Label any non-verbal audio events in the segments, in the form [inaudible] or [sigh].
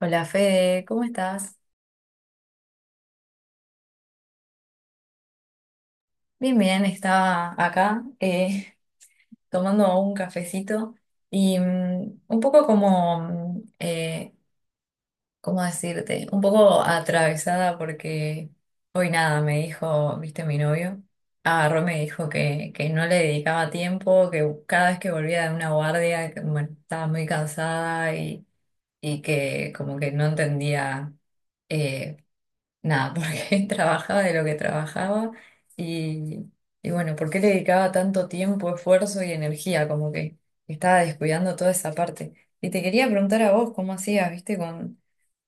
Hola Fede, ¿cómo estás? Bien, bien, estaba acá [laughs] tomando un cafecito y un poco como, ¿cómo decirte? Un poco atravesada porque hoy nada, me dijo, viste, mi novio, agarró y me dijo que no le dedicaba tiempo, que cada vez que volvía de una guardia, que, bueno, estaba muy cansada y que como que no entendía. eh, Nada, porque [laughs] trabajaba de lo que trabajaba y, y bueno, ¿por qué le dedicaba tanto tiempo, esfuerzo y energía? Como que estaba descuidando toda esa parte. Y te quería preguntar a vos, ¿cómo hacías, viste, con,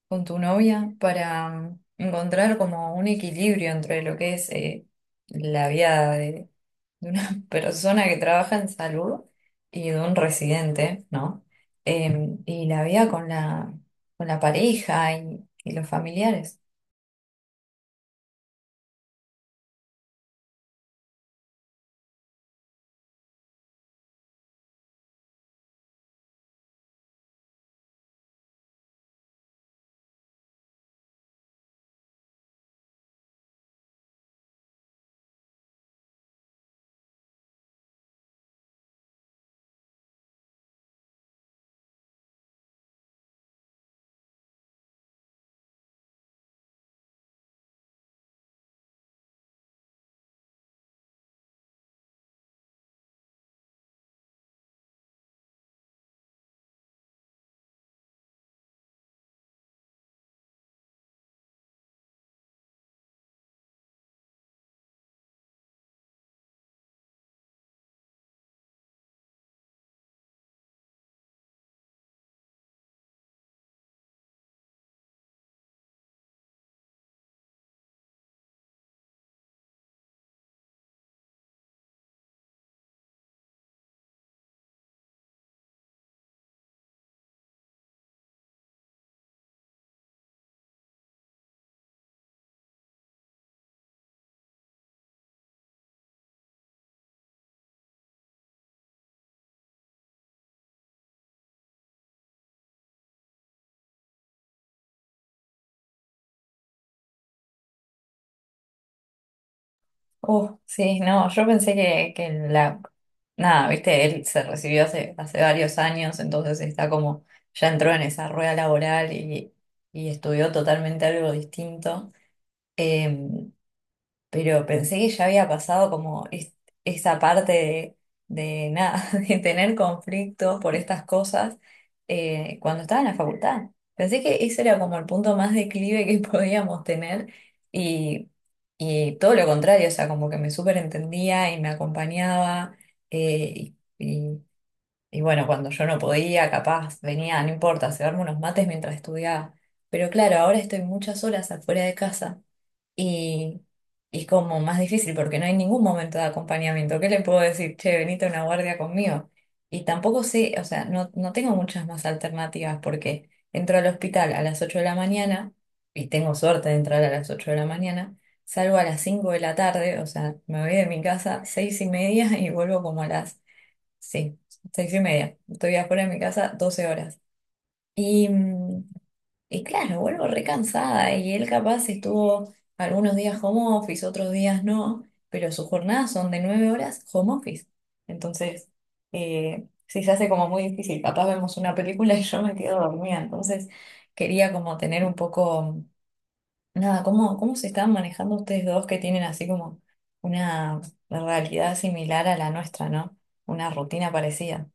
con tu novia para encontrar como un equilibrio entre lo que es la vida de una [laughs] persona que trabaja en salud y de un residente, ¿no? Y la vida con la pareja y los familiares. Sí, no, yo pensé. Nada, viste, él se recibió hace varios años, entonces está como, ya entró en esa rueda laboral y estudió totalmente algo distinto. Eh, pero pensé que ya había pasado como esa parte de nada, [laughs] de tener conflictos por estas cosas cuando estaba en la facultad. Pensé que ese era como el punto más declive que [laughs] podíamos tener y, y todo lo contrario, o sea, como que me súper entendía y me acompañaba eh, y, y- y bueno, cuando yo no podía, capaz venía, no importa, a cebarme unos mates mientras estudiaba. Pero claro, ahora estoy muchas horas afuera de casa. Y es como más difícil porque no hay ningún momento de acompañamiento. ¿Qué le puedo decir? Che, venite a una guardia conmigo. Y tampoco sé, o sea, no tengo muchas más alternativas porque entro al hospital a las 8 de la mañana y tengo suerte de entrar a las 8 de la mañana, salgo a las 5 de la tarde, o sea, me voy de mi casa 6:30 y vuelvo como a las, sí, 6:30. Estoy afuera de mi casa 12 horas. Y, mm, y claro, vuelvo recansada y él capaz estuvo algunos días home office, otros días no, pero sus jornadas son de 9 horas home office. Entonces, sí se hace como muy difícil. Capaz vemos una película y yo me quedo dormida. Entonces, quería como tener un poco, nada, ¿cómo se están manejando ustedes dos que tienen así como una realidad similar a la nuestra, ¿no? Una rutina parecida.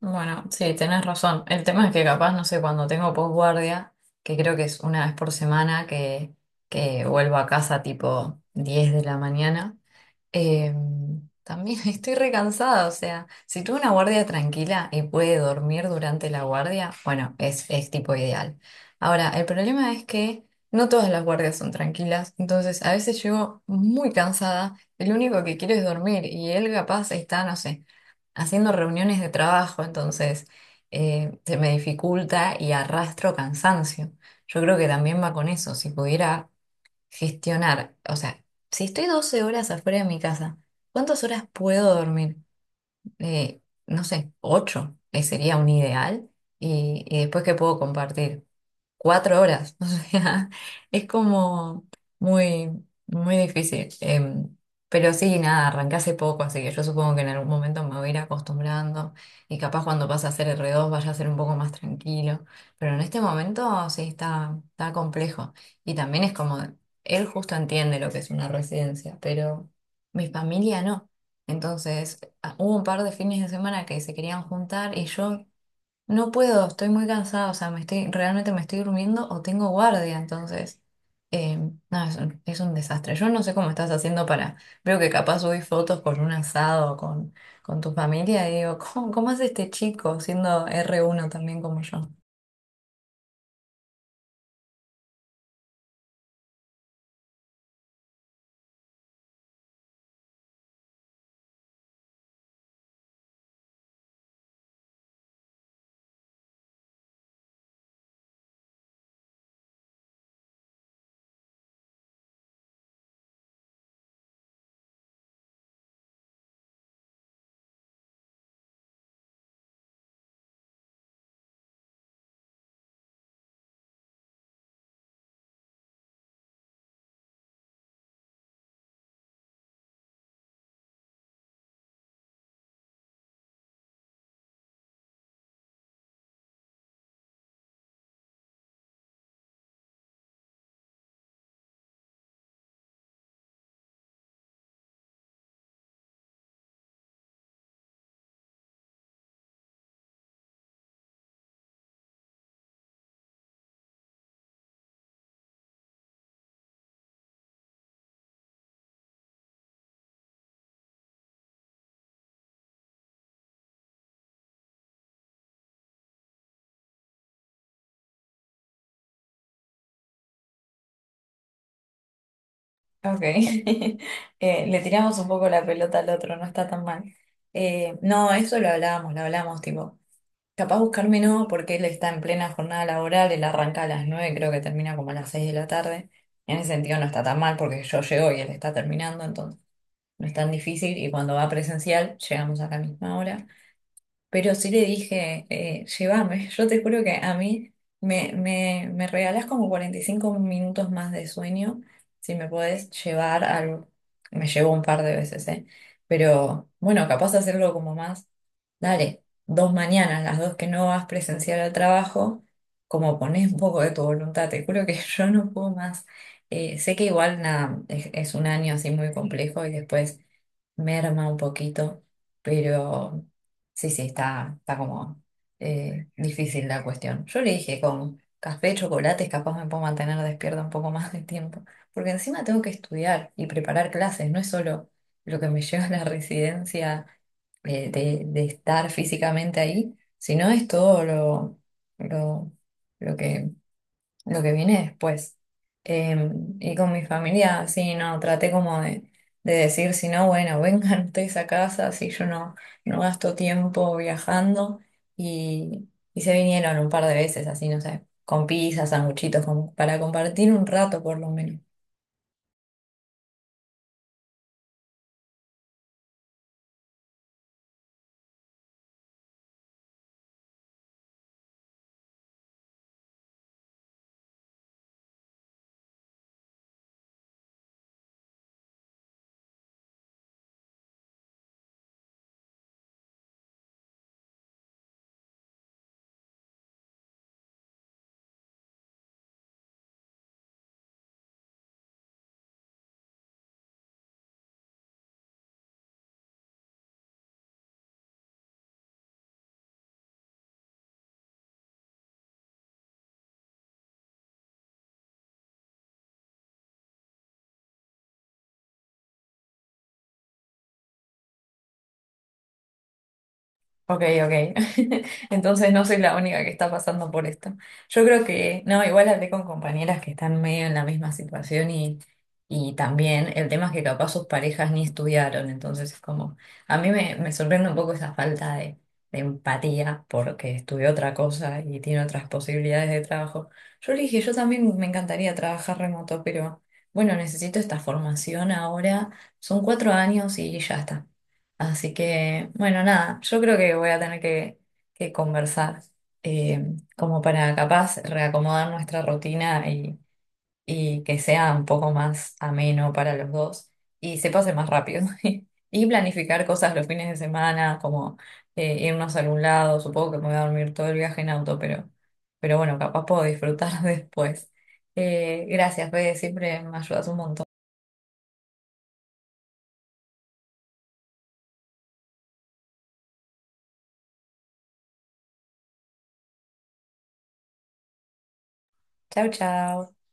Bueno, sí, tenés razón. El tema es que capaz, no sé, cuando tengo posguardia, que creo que es una vez por semana que vuelvo a casa tipo 10 de la mañana. Eh, también [laughs] estoy recansada, o sea, si tuve una guardia tranquila y puede dormir durante la guardia, bueno, es tipo ideal. Ahora, el problema es que no todas las guardias son tranquilas, entonces a veces llego muy cansada, el único que quiero es dormir y él capaz está, no sé, haciendo reuniones de trabajo, entonces se me dificulta y arrastro cansancio. Yo creo que también va con eso, si pudiera gestionar, o sea, si estoy 12 horas afuera de mi casa, ¿cuántas horas puedo dormir? Eh, no sé, 8, sería un ideal. Y después, ¿qué puedo compartir? 4 horas. [laughs] O sea, es como muy, muy difícil. Pero sí, nada, arranqué hace poco, así que yo supongo que en algún momento me voy a ir acostumbrando y capaz cuando pase a ser R2 vaya a ser un poco más tranquilo. Pero en este momento sí está complejo. Y también es como, él justo entiende lo que es una residencia, pero mi familia no. Entonces, hubo un par de fines de semana que se querían juntar y yo no puedo, estoy muy cansada, o sea, realmente me estoy durmiendo o tengo guardia, entonces, eh, no, es un desastre. Yo no sé cómo estás haciendo para, veo que capaz subís fotos con un asado, con tu familia, y digo, ¿cómo hace este chico siendo R1 también como yo? Ok. [laughs] Le tiramos un poco la pelota al otro, no está tan mal. No, eso lo hablábamos, lo hablamos, tipo. Capaz buscarme no, porque él está en plena jornada laboral, él arranca a las 9, creo que termina como a las 6 de la tarde. En ese sentido no está tan mal porque yo llego y él está terminando, entonces no es tan difícil y cuando va presencial llegamos a la misma hora. Pero sí le dije, llévame, yo te juro que a mí me regalás como 45 minutos más de sueño, si me podés llevar algo, me llevo un par de veces, ¿eh? Pero bueno, capaz de hacerlo como más, dale, dos mañanas, las dos que no vas presencial al trabajo, como ponés un poco de tu voluntad, te juro que [laughs] yo no puedo más. Sé que igual nada, es un año así muy complejo y después merma un poquito, pero... Sí, sí, está como difícil la cuestión. Yo le dije, con café, chocolates, capaz me puedo mantener despierta un poco más de tiempo, porque encima tengo que estudiar y preparar clases, no es solo lo que me [laughs] lleva a la residencia, de estar físicamente ahí, sino es todo lo, lo que lo que viene después. Eh, y con mi familia, sí, no, traté como de decir, si no, bueno, [laughs] vengan ustedes a casa, si yo no gasto tiempo viajando. Y se vinieron un par de veces, así, no sé, con pizzas, sanguchitos, como para compartir un rato por lo menos. Ok, ok. [laughs] Entonces no soy la única que está pasando por esto. Yo creo que, no, igual hablé con compañeras que están medio en la misma situación y también el tema es que capaz sus parejas ni estudiaron, entonces es como, a mí me sorprende un poco esa falta de empatía porque estudió otra cosa y tiene otras posibilidades de trabajo. Yo le dije, yo también me encantaría trabajar remoto, pero bueno, necesito esta formación ahora, son 4 años y ya está. Así que, bueno, nada, yo creo que voy a tener que conversar, eh, como para capaz reacomodar nuestra rutina y que sea un poco más ameno para los dos y se pase más rápido. [laughs] Y planificar cosas los fines de semana, como irnos a algún lado, supongo que me voy a dormir todo el viaje en auto, pero bueno, capaz puedo disfrutar [laughs] después. Gracias, Fede, siempre me ayudas un montón. Chau, chau.